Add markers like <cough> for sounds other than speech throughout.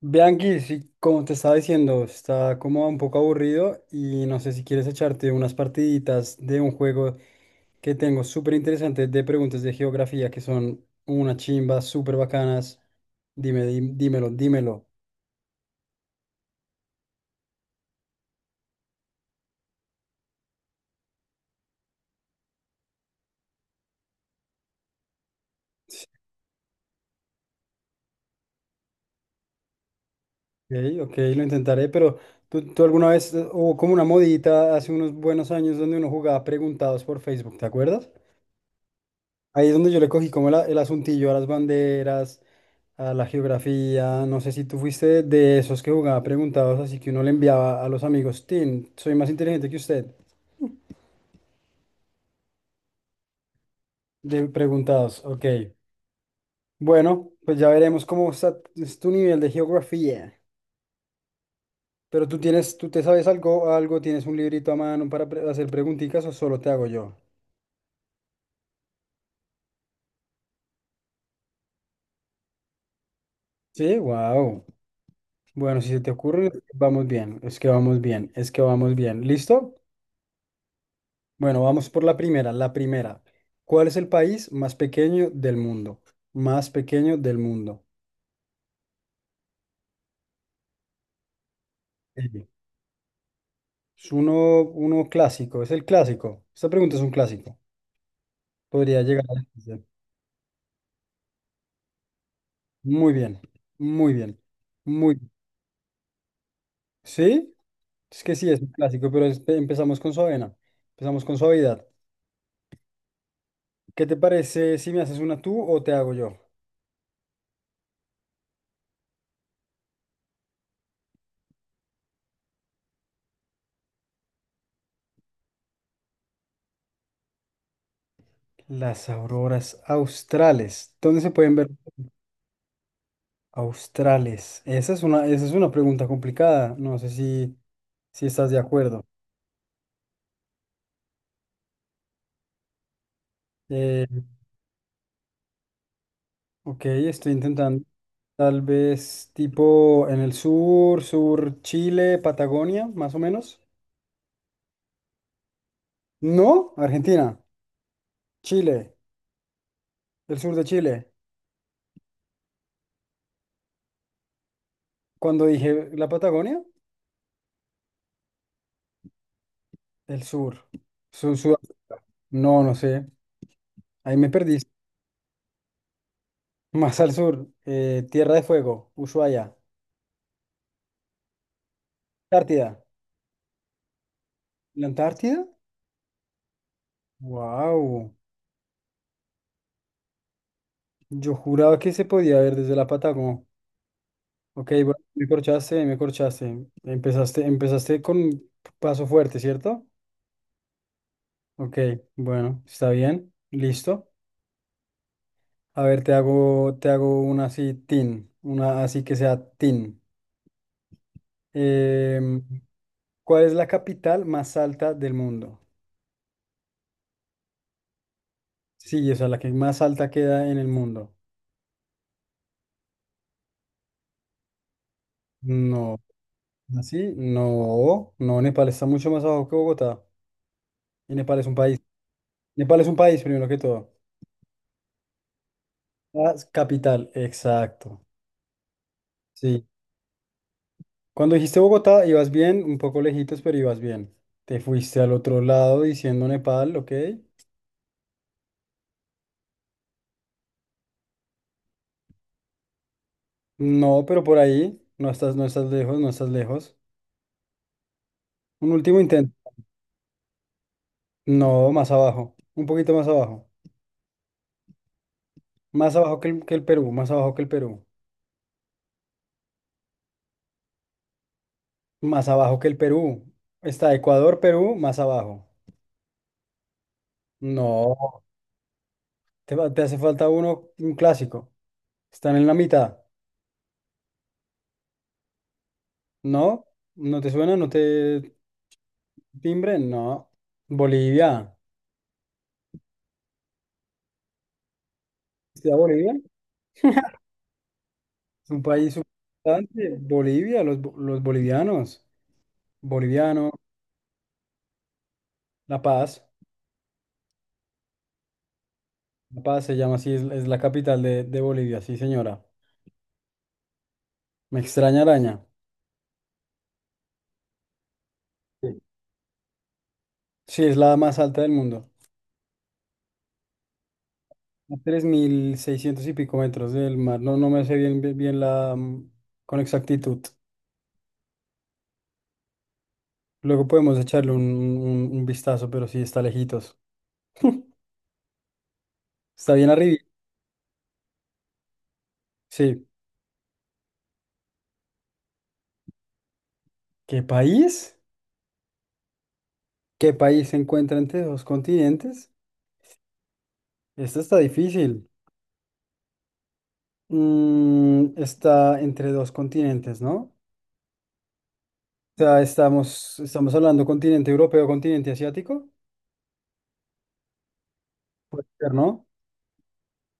Bianchi, sí, como te estaba diciendo, está como un poco aburrido y no sé si quieres echarte unas partiditas de un juego que tengo súper interesante de preguntas de geografía que son una chimba, súper bacanas. Dime, dímelo, dímelo. Sí, ok, ok, lo intentaré, pero ¿tú alguna vez hubo como una modita hace unos buenos años donde uno jugaba preguntados por Facebook? ¿Te acuerdas? Ahí es donde yo le cogí como el asuntillo a las banderas, a la geografía. No sé si tú fuiste de esos que jugaba preguntados, así que uno le enviaba a los amigos, tin, soy más inteligente que usted. De preguntados, ok. Bueno, pues ya veremos cómo está es tu nivel de geografía. Pero tú tienes, tú te sabes algo, algo, tienes un librito a mano para hacer preguntitas o solo te hago yo. Sí, wow. Bueno, si se te ocurre, vamos bien, es que vamos bien, es que vamos bien. ¿Listo? Bueno, vamos por la primera. La primera. ¿Cuál es el país más pequeño del mundo? Más pequeño del mundo. Sí. Es uno clásico. Es el clásico. Esta pregunta es un clásico. Podría llegar a... la Muy bien. Muy bien. Muy bien. ¿Sí? Es que sí, es un clásico, pero empezamos con suavena. Empezamos con suavidad. ¿Qué te parece si me haces una tú o te hago yo? Las auroras australes. ¿Dónde se pueden ver? Australes. Esa es una pregunta complicada. No sé si, si estás de acuerdo. Eh, ok, estoy intentando. Tal vez tipo en el sur, Chile, Patagonia, más o menos. No, Argentina, Chile, el sur de Chile. Cuando dije la Patagonia, el sur. Sur. No, no sé. Ahí me perdí. <laughs> Más al sur, Tierra de Fuego, Ushuaia, Antártida. ¿La Antártida? Wow. Yo juraba que se podía ver desde la Patagonia. Ok, bueno, me corchaste, me corchaste. Empezaste, empezaste con paso fuerte, ¿cierto? Ok, bueno, está bien, listo. A ver, te hago una así, tin, una así que sea tin. Em, ¿Cuál es la capital más alta del mundo? Sí, o sea, la que más alta queda en el mundo. No, así, no, no, Nepal está mucho más abajo que Bogotá. Y Nepal es un país. Nepal es un país, primero que todo. Ah, es capital, exacto. Sí. Cuando dijiste Bogotá, ibas bien, un poco lejitos, pero ibas bien. Te fuiste al otro lado diciendo Nepal, ¿ok? No, pero por ahí, no estás, no estás lejos, no estás lejos. Un último intento. No, más abajo, un poquito más abajo. Más abajo que el Perú, más abajo que el Perú. Más abajo que el Perú. Está Ecuador, Perú, más abajo. No, te, te hace falta uno, un clásico. Están en la mitad, ¿no? ¿No te suena? ¿No te...? Timbre, no. Bolivia. ¿Está Bolivia? Es un país importante. Bolivia, los, los bolivianos. Boliviano, La Paz. La Paz se llama así, es la capital de Bolivia, sí, señora. Me extraña araña. Sí, sí, es la más alta del mundo. A 3.600 y pico metros del mar. No, no me sé bien, bien, bien la, con exactitud. Luego podemos echarle un, un vistazo, pero sí está lejitos. Está bien arriba. Sí. ¿Qué país? ¿Qué país se encuentra entre dos continentes? Esto está difícil. Mm, está entre dos continentes, ¿no? O sea, estamos hablando continente europeo, continente asiático. Puede ser, ¿no?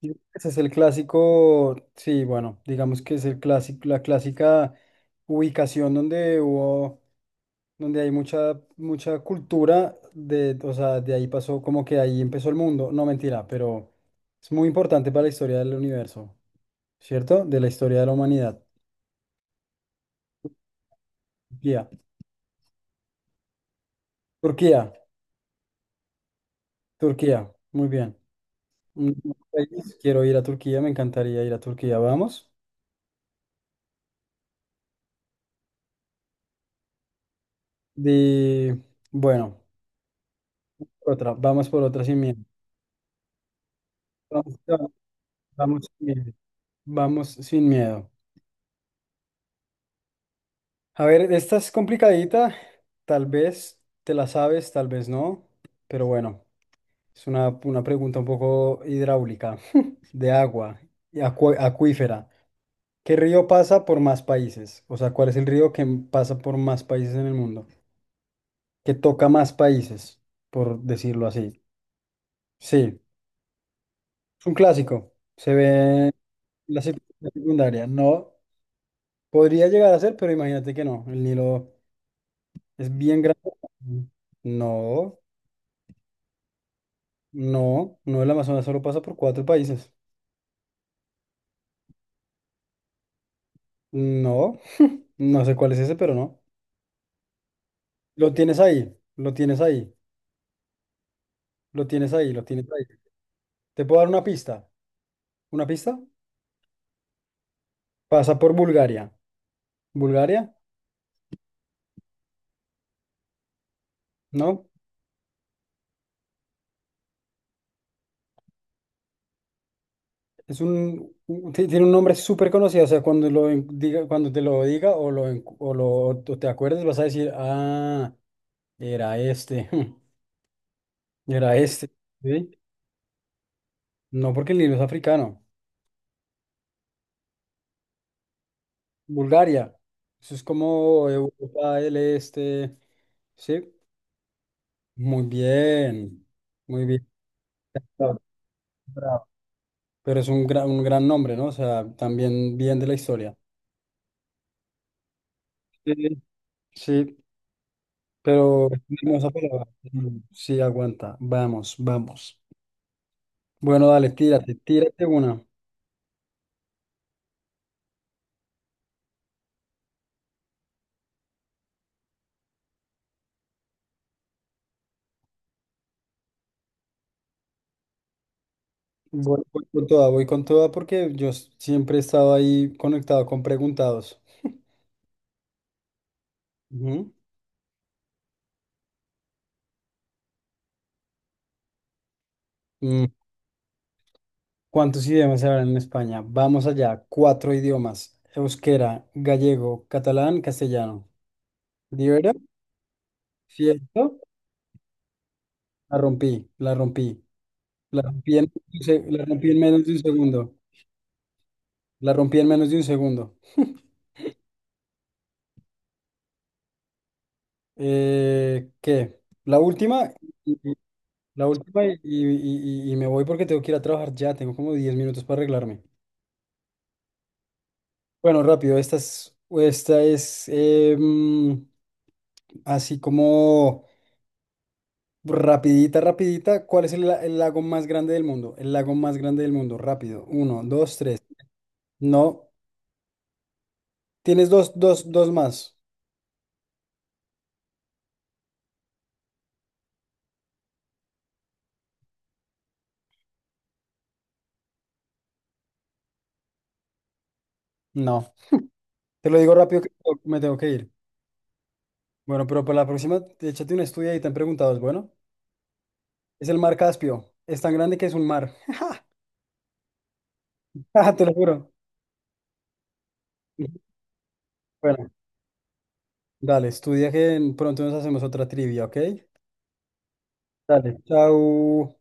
Sí. Ese es el clásico, sí, bueno, digamos que es el clásico, la clásica ubicación donde hubo, donde hay mucha, mucha cultura de, o sea, de ahí pasó, como que ahí empezó el mundo. No, mentira, pero es muy importante para la historia del universo, ¿cierto? De la historia de la humanidad. Turquía, Turquía, Turquía, muy bien. Un país. Quiero ir a Turquía, me encantaría ir a Turquía, vamos. De, bueno, otra, vamos por otra sin miedo. Vamos, vamos sin miedo. Vamos sin miedo. A ver, esta es complicadita, tal vez te la sabes, tal vez no, pero bueno, es una pregunta un poco hidráulica, <laughs> de agua, y acuífera. ¿Qué río pasa por más países? O sea, ¿cuál es el río que pasa por más países en el mundo? Que toca más países, por decirlo así. Sí, es un clásico, se ve en la secundaria, no, podría llegar a ser, pero imagínate que no, el Nilo es bien grande. No. No, no, el Amazonas solo pasa por cuatro países. No, no sé cuál es ese, pero no. Lo tienes ahí, lo tienes ahí, lo tienes ahí, lo tienes ahí. ¿Te puedo dar una pista? ¿Una pista? Pasa por Bulgaria. ¿Bulgaria? ¿No? Es un, tiene un nombre súper conocido, o sea, cuando te lo diga o lo o te acuerdes, vas a decir, ah, era este, <laughs> era este. ¿Sí? No, porque el libro es africano. Bulgaria. Eso es como Europa del Este. Sí, muy bien. Muy bien. Bravo, bravo. Pero es un gran nombre, ¿no? O sea, también bien de la historia. Sí, sí, pero hermosa palabra. Mm, sí, aguanta. Vamos, vamos. Bueno, dale, tírate, tírate una. Voy, voy con toda porque yo siempre he estado ahí conectado con preguntados. Ujú. ¿Cuántos idiomas se hablan en España? Vamos allá, cuatro idiomas. Euskera, gallego, catalán, castellano. ¿Libera? ¿Cierto? La rompí, la rompí. La rompí la rompí en menos de un segundo. La rompí en menos de un segundo. ¿Qué? La última, y- y- la última y me voy porque tengo que ir a trabajar ya. Tengo como 10 minutos para arreglarme. Bueno, rápido, esta es así como... Rapidita, rapidita. ¿Cuál es el lago más grande del mundo? El lago más grande del mundo. Rápido. Uno, dos, tres. No. Tienes dos más. No. Te lo digo rápido que me tengo que ir. Bueno, pero para la próxima, échate un estudio y te han preguntado. Es, bueno, es el mar Caspio. Es tan grande que es un mar. <laughs> Ah, te lo juro. Bueno, dale, estudia que pronto nos hacemos otra trivia, ¿ok? Dale, chao.